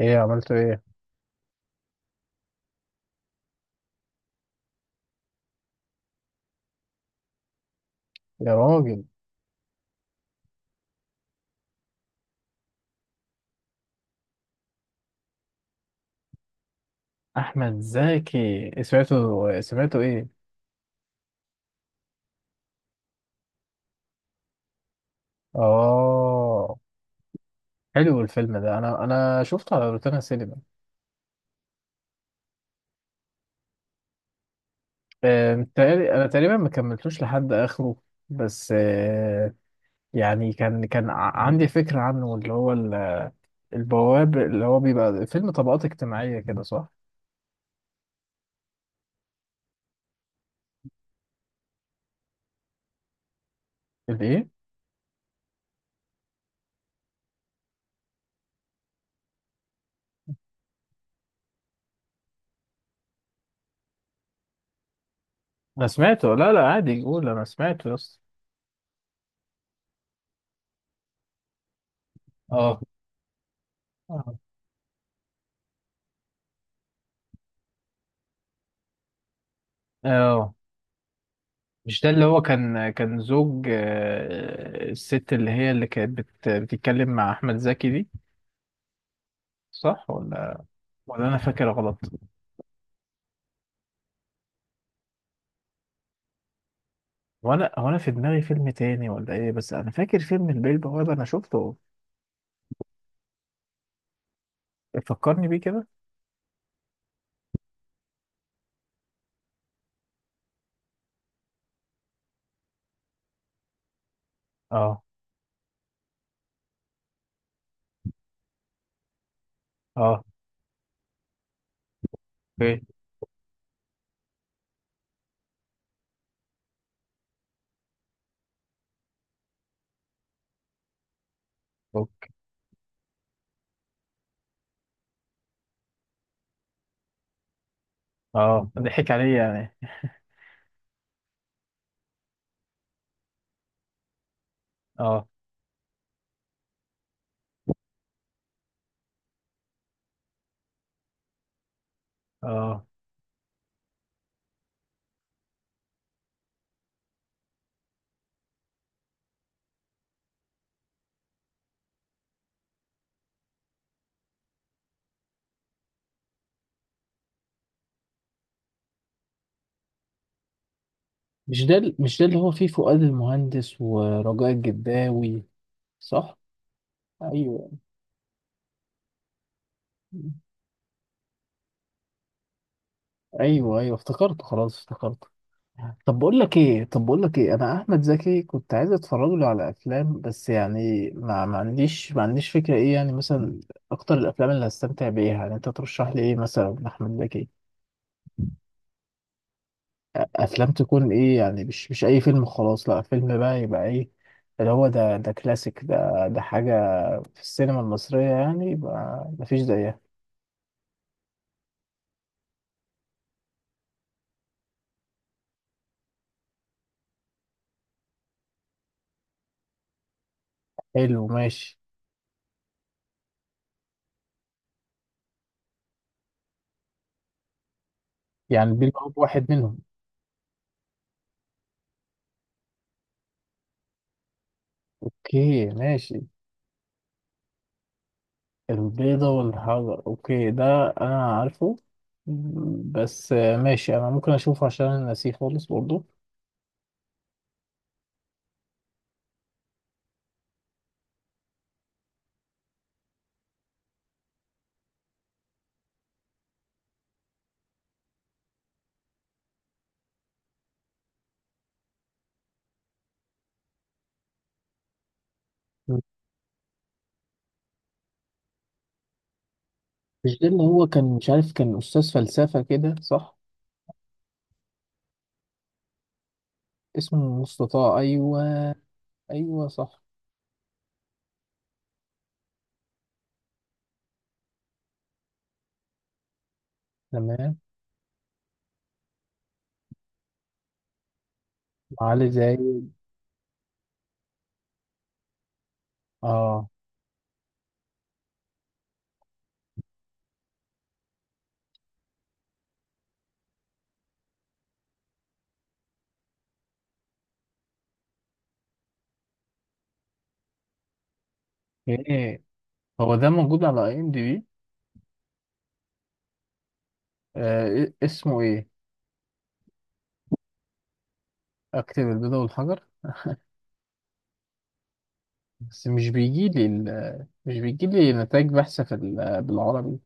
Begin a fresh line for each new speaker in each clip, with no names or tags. ايه عملته ايه؟ يا راجل. احمد زكي، سمعته ايه؟ اه، حلو الفيلم ده. انا شفته على روتانا سينما. آه، متهيألي- انا تقريبا ما كملتوش لحد اخره. بس يعني عندي فكرة عنه، اللي هو البواب، اللي هو بيبقى فيلم طبقات اجتماعية كده، صح؟ الايه؟ انا سمعته، لا لا، عادي قول، انا سمعته يا اسطى. اه. آه. اه. مش ده اللي هو كان زوج الست، اللي هي اللي كانت بتتكلم مع أحمد زكي دي؟ صح ولا؟ ولا أنا فاكر غلط؟ وأنا هو أنا في دماغي فيلم تاني ولا إيه؟ بس أنا فاكر فيلم البيه البوابة، أنا شفته. فكرني بيه كده؟ أه. أه. أوكي. أوكي. أه، ضحك عليا يعني. أه. أه. مش ده اللي هو فيه فؤاد المهندس ورجاء الجداوي؟ صح؟ ايوه، ايوه، ايوه، افتكرته، خلاص افتكرته. طب بقول لك ايه، انا احمد زكي كنت عايز اتفرج له على افلام. بس يعني ما عنديش فكره ايه، يعني مثلا اكتر الافلام اللي هستمتع بايه، يعني انت ترشح لي ايه مثلا احمد زكي؟ افلام تكون ايه يعني، مش اي فيلم خلاص، لا. فيلم بقى يبقى ايه، اللي هو ده كلاسيك، ده حاجه في السينما المصريه، يعني يبقى ما فيش زيها. حلو، ماشي. يعني بيلبع واحد منهم. اوكي، ماشي. البيضة والحجر، اوكي. ده انا عارفه. بس ماشي، انا ممكن اشوفه عشان انا ناسيه خالص برضه. مش ده اللي هو كان مش عارف، كان استاذ فلسفة كده، صح؟ اسمه مستطاع؟ ايوه. ايوه صح. تمام. علي زي. اه. ايه، هو ده موجود على IMDB؟ إيه، اسمه ايه؟ اكتب البيضة والحجر. بس مش بيجي لي نتائج بحث بالعربي.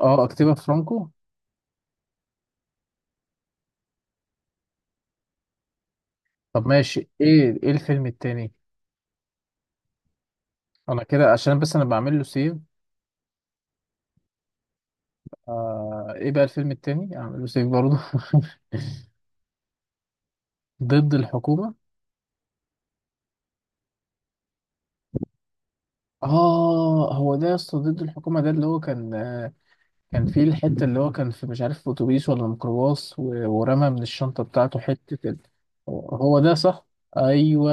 اه، اكتبها فرانكو. طب ماشي، ايه الفيلم التاني؟ انا كده عشان بس انا بعمل له سيف. ايه بقى الفيلم التاني؟ اعمل له سيف برضه. ضد الحكومة. اه، هو ده يا اسطى ضد الحكومة؟ ده اللي هو كان فيه الحتة، اللي هو كان في، مش عارف، في اتوبيس ولا ميكروباص ورمى من الشنطة بتاعته حتة هو هو ده صح؟ ايوه.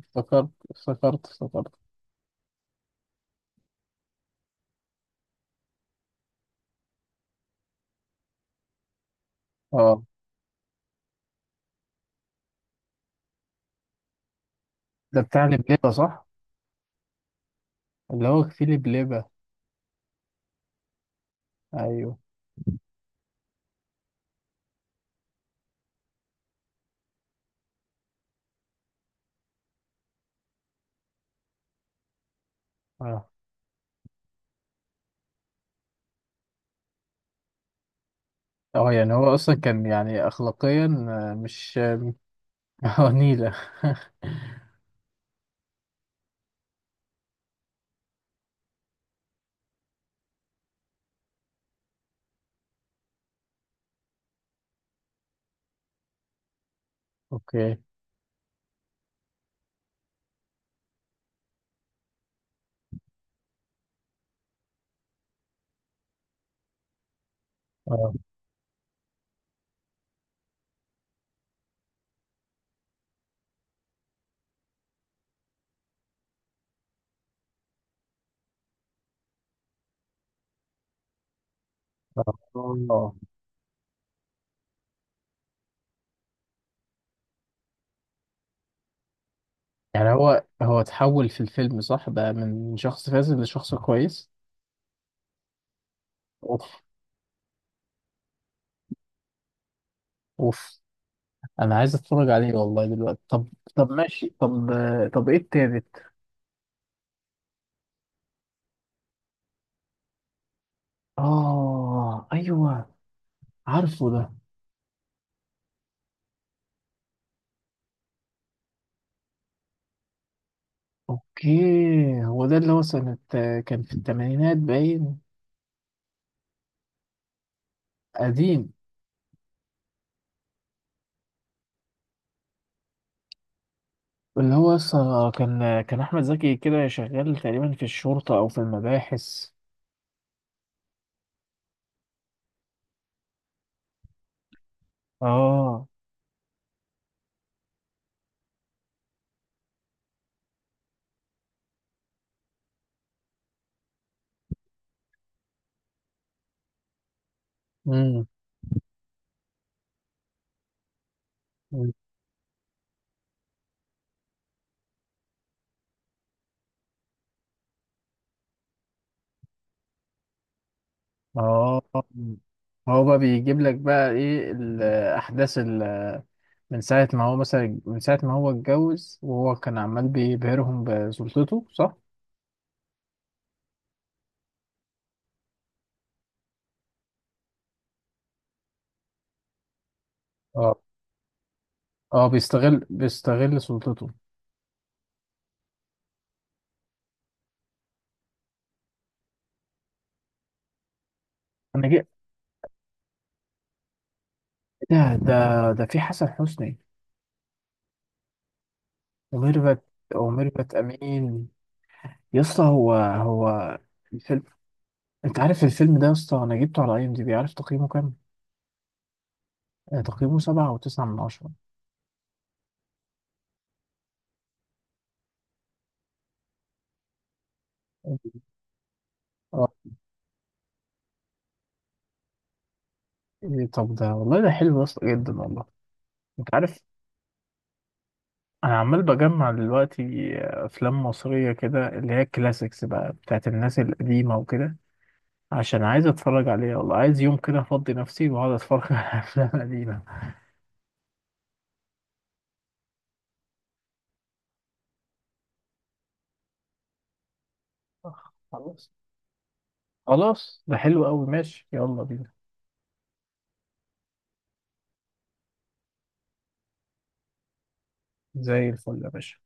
افتكرت، افتكرت، افتكرت. اه، ده بتاع لبلبة صح؟ اللي هو فيه لبلبة. ايوه. اه. اه. يعني هو اصلا كان يعني اخلاقيا، مش نيلة. اوكي. اه. اه. آه. يعني هو هو اتحول في الفيلم صح؟ بقى من شخص فاسد لشخص كويس. اوف. اوف. انا عايز اتفرج عليه والله دلوقتي. طب. طب ماشي، طب. طب، ايه التالت؟ اه، ايوه، عارفه ده. اوكي. هو ده اللي هو سنة، كان في الثمانينات باين. قديم. اللي هو اصلا كان احمد زكي كده شغال تقريبا في الشرطة او في المباحث. اه. امم. اه. هو بقى بيجيب لك بقى ايه الاحداث من ساعه ما هو اتجوز، وهو كان عمال بيبهرهم بسلطته، صح؟ اه. اه. بيستغل سلطته. انا جه. ده في حسن حسني. وميرفت وميرفت امين، يا اسطى. هو هو الفيلم. انت عارف الفيلم ده يا اسطى؟ انا جبته على IMDB. عارف تقييمه كام؟ تقييمه 7.9/10. اه، إيه، طب ده والله، ده حلو يا اسطى جدا والله. انت عارف، انا عمال بجمع دلوقتي افلام مصريه كده، اللي هي الكلاسيكس بقى بتاعت الناس القديمه وكده، عشان عايز اتفرج عليها والله. عايز يوم كده افضي نفسي واقعد اتفرج على افلام قديمه. خلاص. خلاص، ده حلو قوي. ماشي، يلا بينا. زي الفل يا باشا.